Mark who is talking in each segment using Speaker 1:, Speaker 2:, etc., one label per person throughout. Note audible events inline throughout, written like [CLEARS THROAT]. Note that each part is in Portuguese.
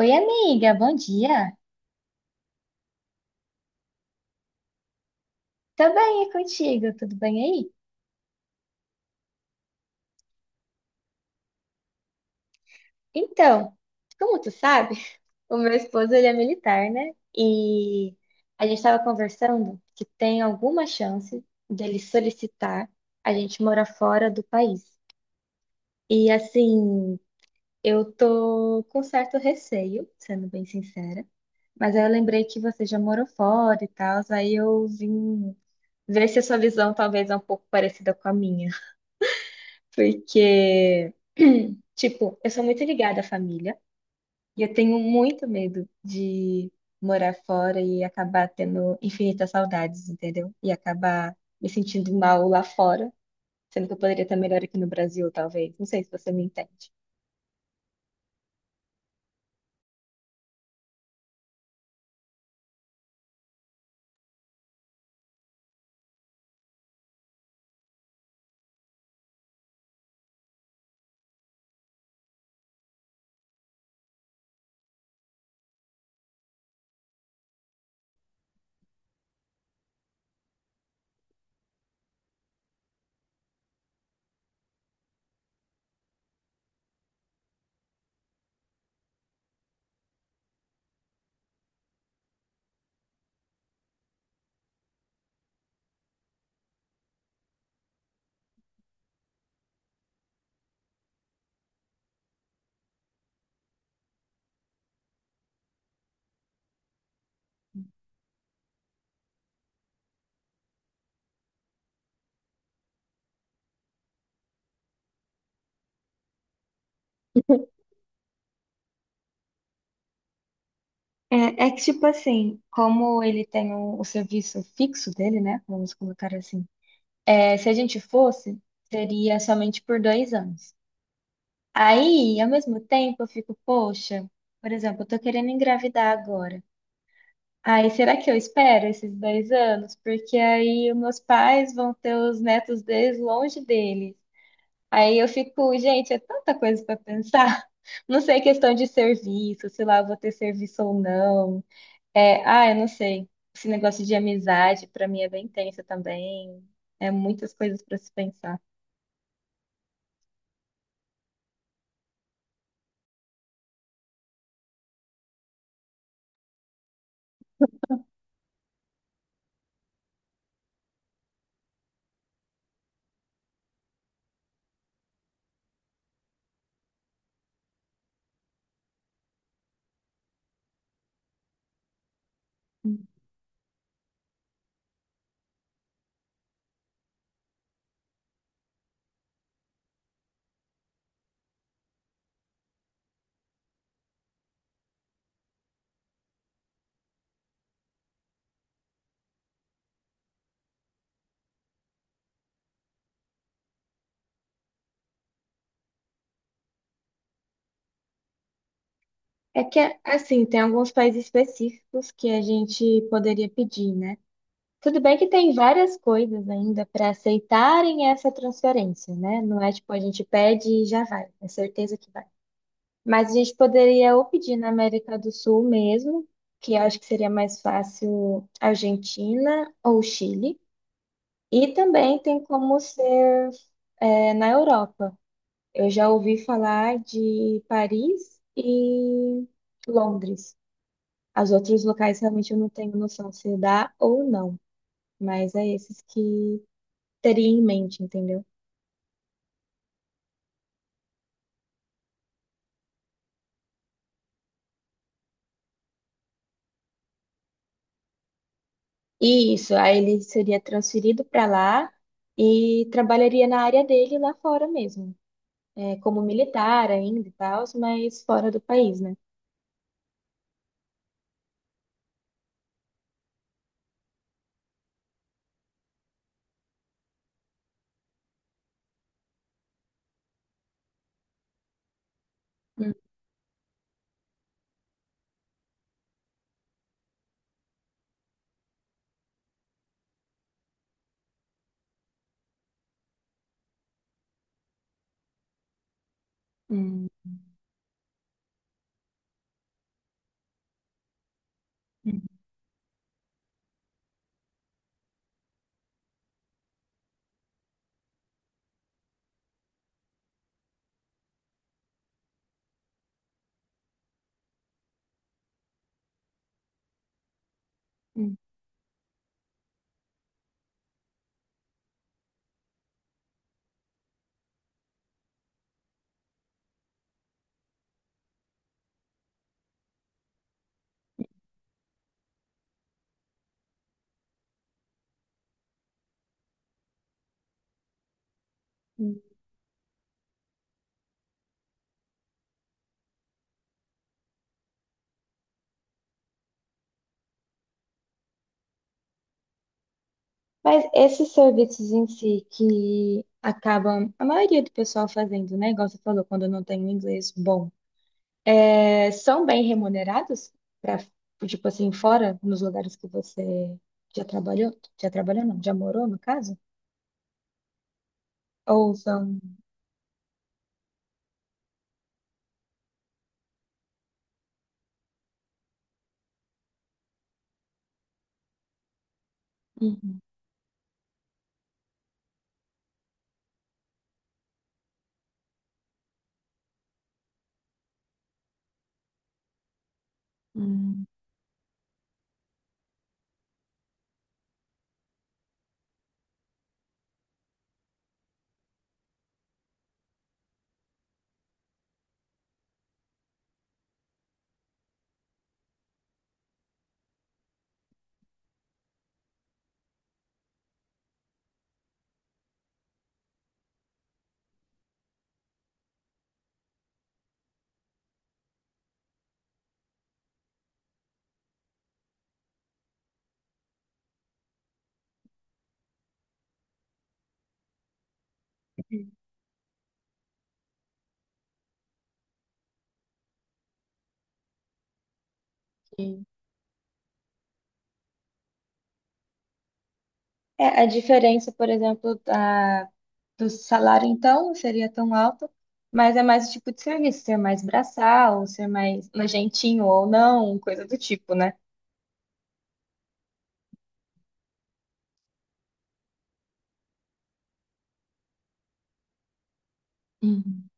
Speaker 1: Oi, amiga, bom dia. Tá bem, e contigo? Tudo bem aí? Então, como tu sabe, [LAUGHS] o meu esposo ele é militar, né? E a gente estava conversando que tem alguma chance dele solicitar a gente morar fora do país. E assim, eu tô com certo receio, sendo bem sincera, mas aí eu lembrei que você já morou fora e tal, aí eu vim ver se a sua visão talvez é um pouco parecida com a minha. Porque, [CLEARS THROAT] tipo, eu sou muito ligada à família e eu tenho muito medo de morar fora e acabar tendo infinitas saudades, entendeu? E acabar me sentindo mal lá fora, sendo que eu poderia estar melhor aqui no Brasil, talvez. Não sei se você me entende. É, é que, tipo assim, como ele tem o serviço fixo dele, né? Vamos colocar assim. É, se a gente fosse, seria somente por 2 anos. Aí, ao mesmo tempo, eu fico, poxa, por exemplo, eu tô querendo engravidar agora. Aí, será que eu espero esses 10 anos? Porque aí os meus pais vão ter os netos deles longe deles. Aí eu fico, gente, é tanta coisa para pensar. [LAUGHS] Não sei, questão de serviço, se lá eu vou ter serviço ou não. É, eu não sei. Esse negócio de amizade, para mim, é bem tenso também. É muitas coisas para se pensar. É que, assim, tem alguns países específicos que a gente poderia pedir, né? Tudo bem que tem várias coisas ainda para aceitarem essa transferência, né? Não é tipo a gente pede e já vai, é certeza que vai. Mas a gente poderia ou pedir na América do Sul mesmo, que eu acho que seria mais fácil Argentina ou Chile. E também tem como ser, na Europa. Eu já ouvi falar de Paris e Londres. Os outros locais realmente eu não tenho noção se dá ou não, mas é esses que teria em mente, entendeu? E isso, aí ele seria transferido para lá e trabalharia na área dele lá fora mesmo, é, como militar ainda e tal, mas fora do país, né? Hum, hum, hum, hum, hum. Mas esses serviços em si que acabam, a maioria do pessoal fazendo, né? Igual você falou, quando não tem um inglês bom. É, são bem remunerados para, tipo assim, fora nos lugares que você já trabalhou? Já trabalhou, não, já morou, no caso? Ou são. Uhum, uhum, ok. É, a diferença, por exemplo, da, do salário, então, não seria tão alta, mas é mais o tipo de serviço, ser mais braçal, ser mais nojentinho ou não, coisa do tipo, né? Uhum,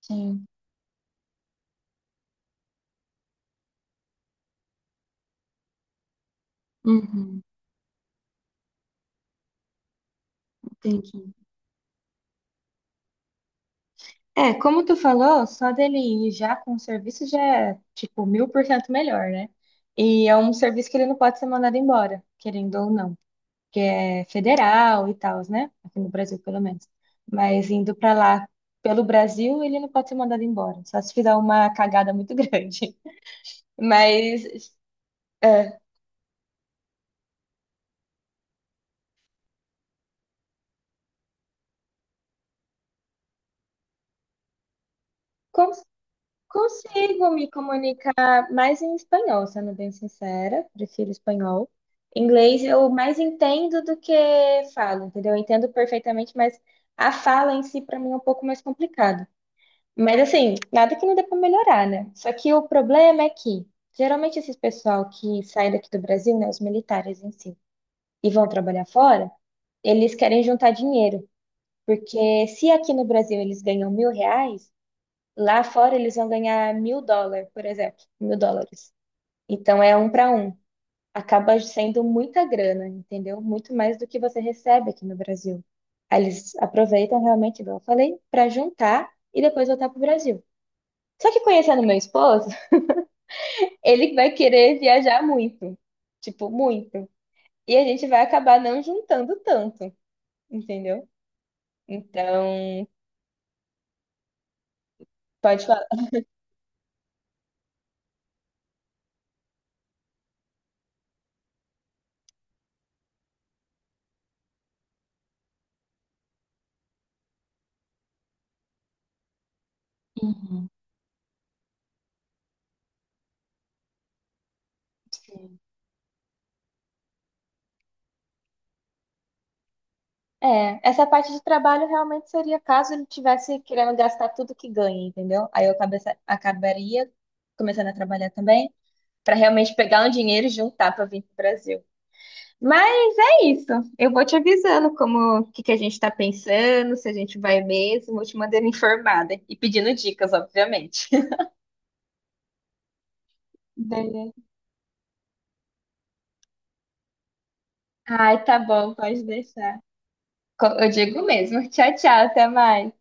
Speaker 1: sim. Uhum, entendi. É, como tu falou, só dele ir já com o serviço já é, tipo, 1000% melhor, né? E é um serviço que ele não pode ser mandado embora, querendo ou não, que é federal e tal, né? Aqui no Brasil, pelo menos. Mas indo pra lá, pelo Brasil, ele não pode ser mandado embora, só se fizer uma cagada muito [LAUGHS] grande. Mas, é, como consigo me comunicar mais em espanhol, sendo bem sincera, prefiro espanhol. Inglês eu mais entendo do que falo, entendeu? Eu entendo perfeitamente, mas a fala em si para mim é um pouco mais complicado. Mas assim, nada que não dê para melhorar, né? Só que o problema é que geralmente esses pessoal que saem daqui do Brasil, né, os militares em si, e vão trabalhar fora, eles querem juntar dinheiro, porque se aqui no Brasil eles ganham R$ 1.000. Lá fora eles vão ganhar US$ 1.000, por exemplo, US$ 1.000. Então é um para um. Acaba sendo muita grana, entendeu? Muito mais do que você recebe aqui no Brasil. Aí eles aproveitam realmente, igual eu falei, para juntar e depois voltar pro Brasil. Só que conhecendo meu esposo, [LAUGHS] ele vai querer viajar muito, tipo, muito. E a gente vai acabar não juntando tanto, entendeu? Então, pode falar. É, essa parte de trabalho realmente seria caso ele tivesse querendo gastar tudo que ganha, entendeu? Aí eu acabaria começando a trabalhar também, para realmente pegar um dinheiro e juntar para vir para o Brasil. Mas é isso. Eu vou te avisando como o que que a gente está pensando, se a gente vai mesmo, vou te mandando informada e pedindo dicas, obviamente. [LAUGHS] Beleza. Ai, tá bom, pode deixar. Eu digo mesmo. Tchau, tchau, até mais.